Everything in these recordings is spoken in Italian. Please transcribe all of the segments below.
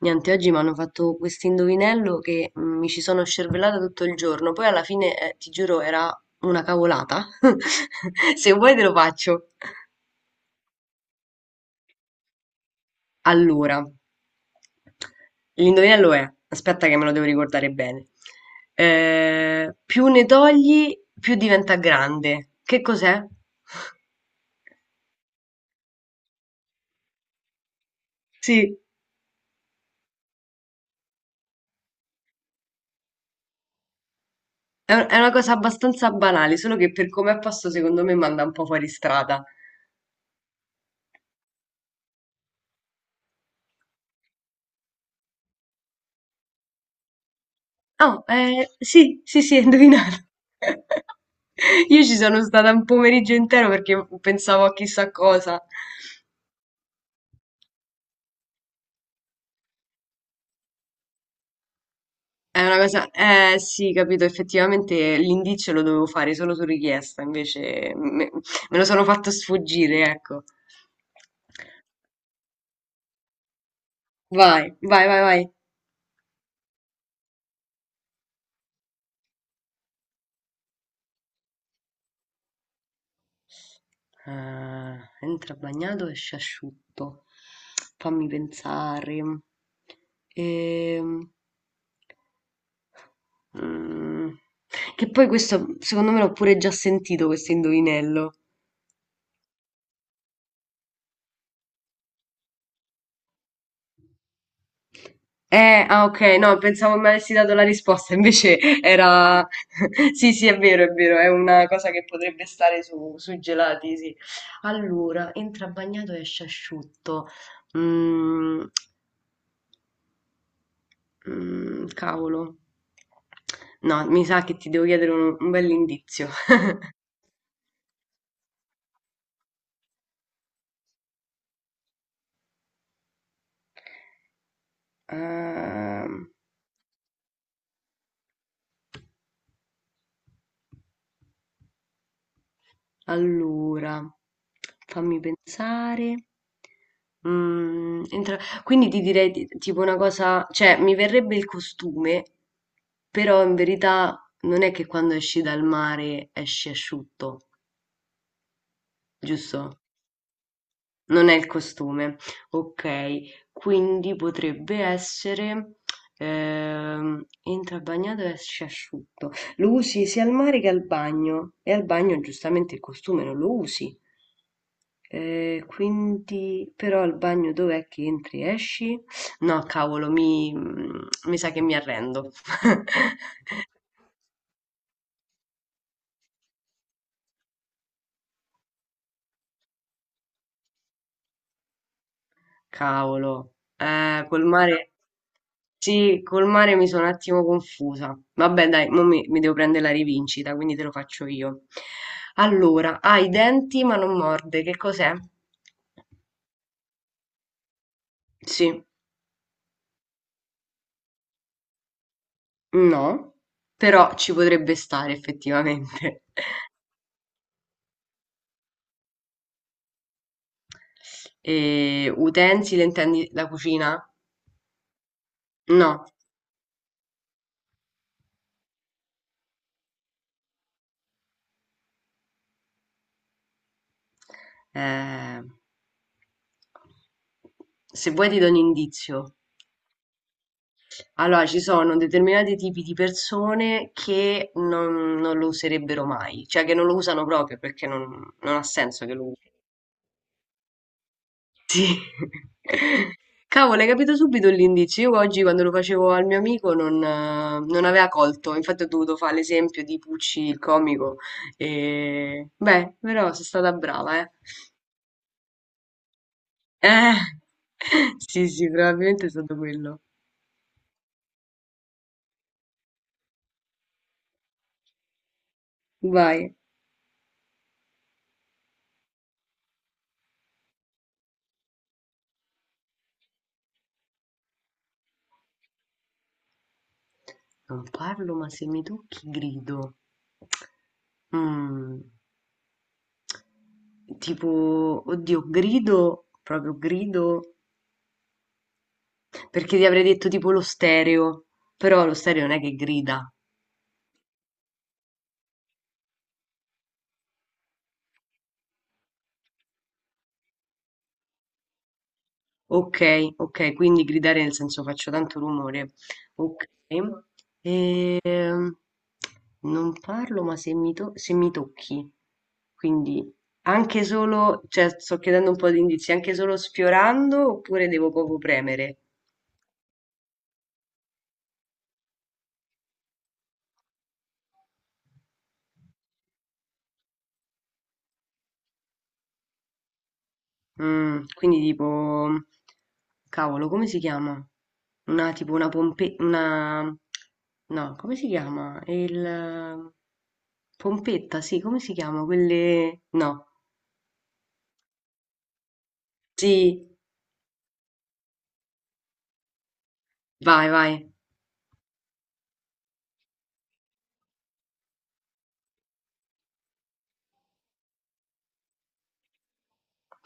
Niente, oggi mi hanno fatto questo indovinello che mi ci sono scervellata tutto il giorno, poi alla fine, ti giuro, era una cavolata. Se vuoi te lo faccio. Allora, l'indovinello è, aspetta che me lo devo ricordare bene. Più ne togli, più diventa grande. Che cos'è? Sì, è una cosa abbastanza banale, solo che per come è posto secondo me manda un po' fuori strada. Oh, sì, sì, sì, hai indovinato. Io ci sono stata un pomeriggio intero perché pensavo a chissà cosa. È una cosa, eh sì, capito, effettivamente l'indizio lo dovevo fare solo su richiesta, me lo sono fatto sfuggire, ecco. Vai, vai, vai, vai. Ah, entra bagnato, esce asciutto. Fammi pensare. Ehm. Mm. Che poi questo, secondo me, l'ho pure già sentito questo indovinello. Ah, ok, no, pensavo mi avessi dato la risposta, invece era... Sì, sì, è vero, è vero, è una cosa che potrebbe stare su, sui gelati, sì. Allora, entra bagnato e esce asciutto. Mm, mm, cavolo. No, mi sa che ti devo chiedere un bell'indizio. Ehm Allora, fammi pensare. Quindi ti direi tipo una cosa, cioè mi verrebbe il costume, però in verità non è che quando esci dal mare esci asciutto, giusto? Non è il costume. Ok, quindi potrebbe essere entra bagnato e esce asciutto. Lo usi sia al mare che al bagno. E al bagno giustamente il costume non lo usi. Quindi, però al bagno dov'è che entri e esci? No, cavolo, mi sa che mi arrendo. Cavolo, col mare, sì, col mare mi sono un attimo confusa. Vabbè, dai, mo mi devo prendere la rivincita, quindi te lo faccio io. Allora, ha i denti ma non morde, che cos'è? Sì, no, però ci potrebbe stare effettivamente. E, utensile, intendi la cucina? No. Eh, se vuoi ti do un indizio. Allora, ci sono determinati tipi di persone che non lo userebbero mai, cioè che non lo usano proprio perché non ha senso che lo usi. Sì. Cavolo, hai capito subito l'indizio. Io oggi quando lo facevo al mio amico non, non aveva colto, infatti ho dovuto fare l'esempio di Pucci il comico. E... Beh, però sono stata brava, eh. Eh, sì, sì, probabilmente è stato quello. Vai. Non parlo, ma se mi tocchi grido. Mhmm, tipo, oddio, grido, proprio grido, perché ti avrei detto tipo lo stereo, però lo stereo non è che grida. Ok, ok, quindi gridare nel senso faccio tanto rumore. Ok. Ehm, non parlo, ma se mi tocchi, quindi anche solo, cioè sto chiedendo un po' di indizi, anche solo sfiorando oppure devo poco premere? Mm, quindi tipo, cavolo, come si chiama? Una tipo una pompe... una... no, come si chiama? Il... Pompetta, sì, come si chiama? Quelle... no. Sì, vai, vai.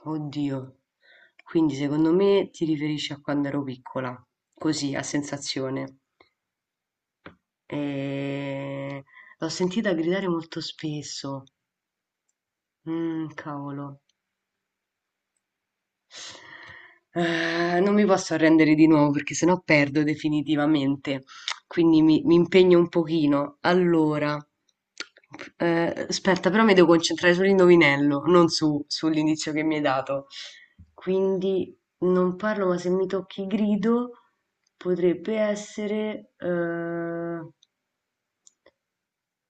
Oddio. Quindi secondo me ti riferisci a quando ero piccola, così, a sensazione. E... L'ho sentita gridare molto spesso. Mm, cavolo. Ah, non mi posso arrendere di nuovo perché sennò perdo definitivamente. Quindi mi impegno un pochino. Allora, aspetta, però mi devo concentrare sull'indovinello, non su- sull'indizio che mi hai dato. Quindi non parlo, ma se mi tocchi grido potrebbe essere.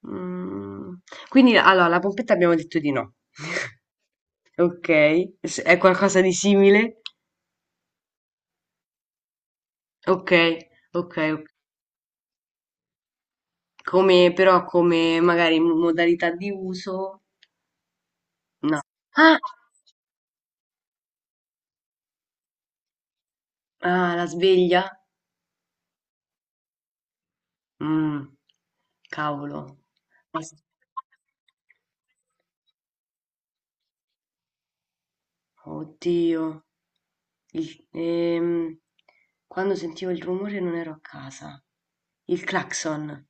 mm, Quindi allora, la pompetta abbiamo detto di no. Ok, è qualcosa di simile? Ok, ok, ok. Come, però come magari modalità di uso, no. Ah, ah, la sveglia? Mm, cavolo. As- Oddio. Il- ehm, quando sentivo il rumore non ero a casa. Il clacson.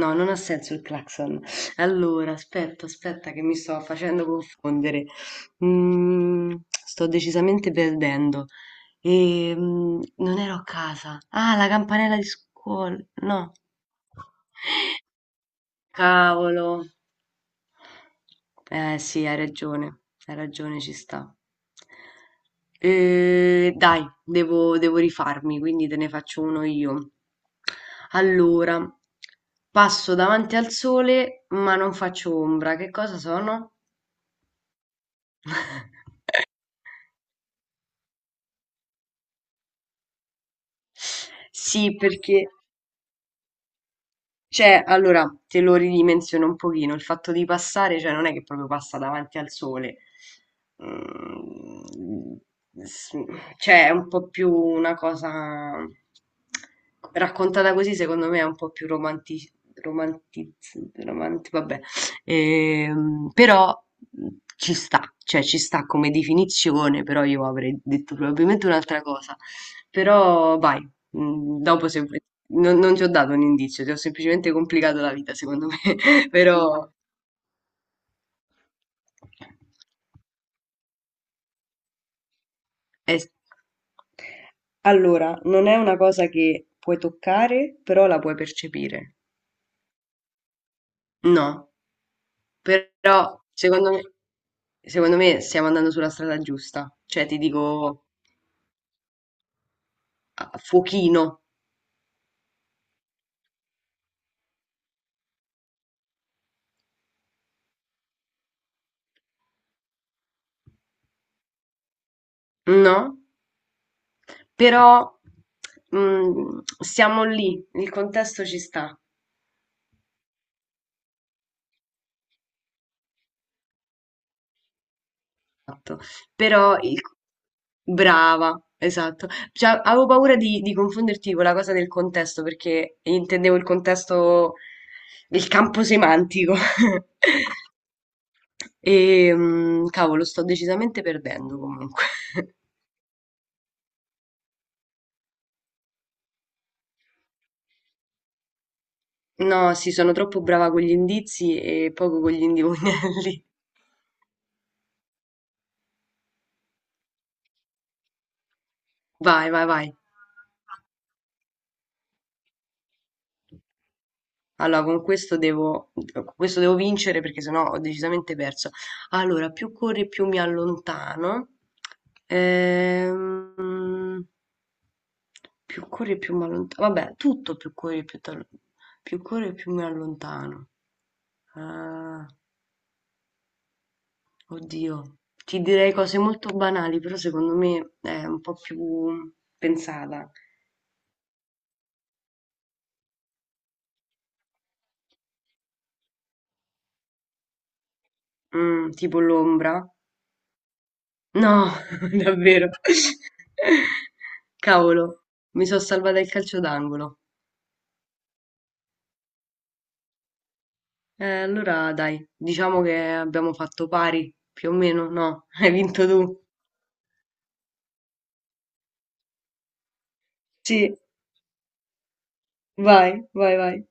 No, non ha senso il clacson. Allora, aspetta, aspetta che mi sto facendo confondere. Mm, sto decisamente perdendo. E, mm, non ero a casa. Ah, la campanella di scuola. No, cavolo. Eh sì, hai ragione, ci sta. Dai, devo rifarmi, quindi te ne faccio uno io. Allora, passo davanti al sole, ma non faccio ombra. Che cosa sono? Sì, perché... Cioè, allora te lo ridimensiono un pochino, il fatto di passare, cioè non è che proprio passa davanti al sole. Mm, s- cioè è un po' più una cosa raccontata così, secondo me è un po' più romanti, vabbè. Però mm, ci sta, cioè ci sta come definizione, però io avrei detto probabilmente un'altra cosa. Però vai, mm, dopo se vuoi... non ti ho dato un indizio, ti ho semplicemente complicato la vita, secondo me. Però è- allora, non è una cosa che puoi toccare, però la puoi percepire. No, però secondo me stiamo andando sulla strada giusta. Cioè, ti dico fuochino, no? Però mm, siamo lì, il contesto ci sta. Esatto. Però il- brava, esatto. Cioè, avevo paura di confonderti con la cosa del contesto, perché intendevo il contesto del campo semantico. E mm, cavolo, sto decisamente perdendo comunque. No, sì, sono troppo brava con gli indizi e poco con gli indovinelli. Vai, vai, vai. Allora, con questo devo vincere perché sennò ho decisamente perso. Allora, più corri, più mi allontano. Ehm, più corri, più mi allontano. Vabbè, tutto più corri, più mi allontano. Ah, oddio, ti direi cose molto banali, però secondo me è un po' più pensata. Mm, tipo l'ombra. No, davvero. Cavolo, mi sono salvata il calcio d'angolo. Allora dai, diciamo che abbiamo fatto pari, più o meno, no? Hai vinto tu. Sì, vai, vai, vai.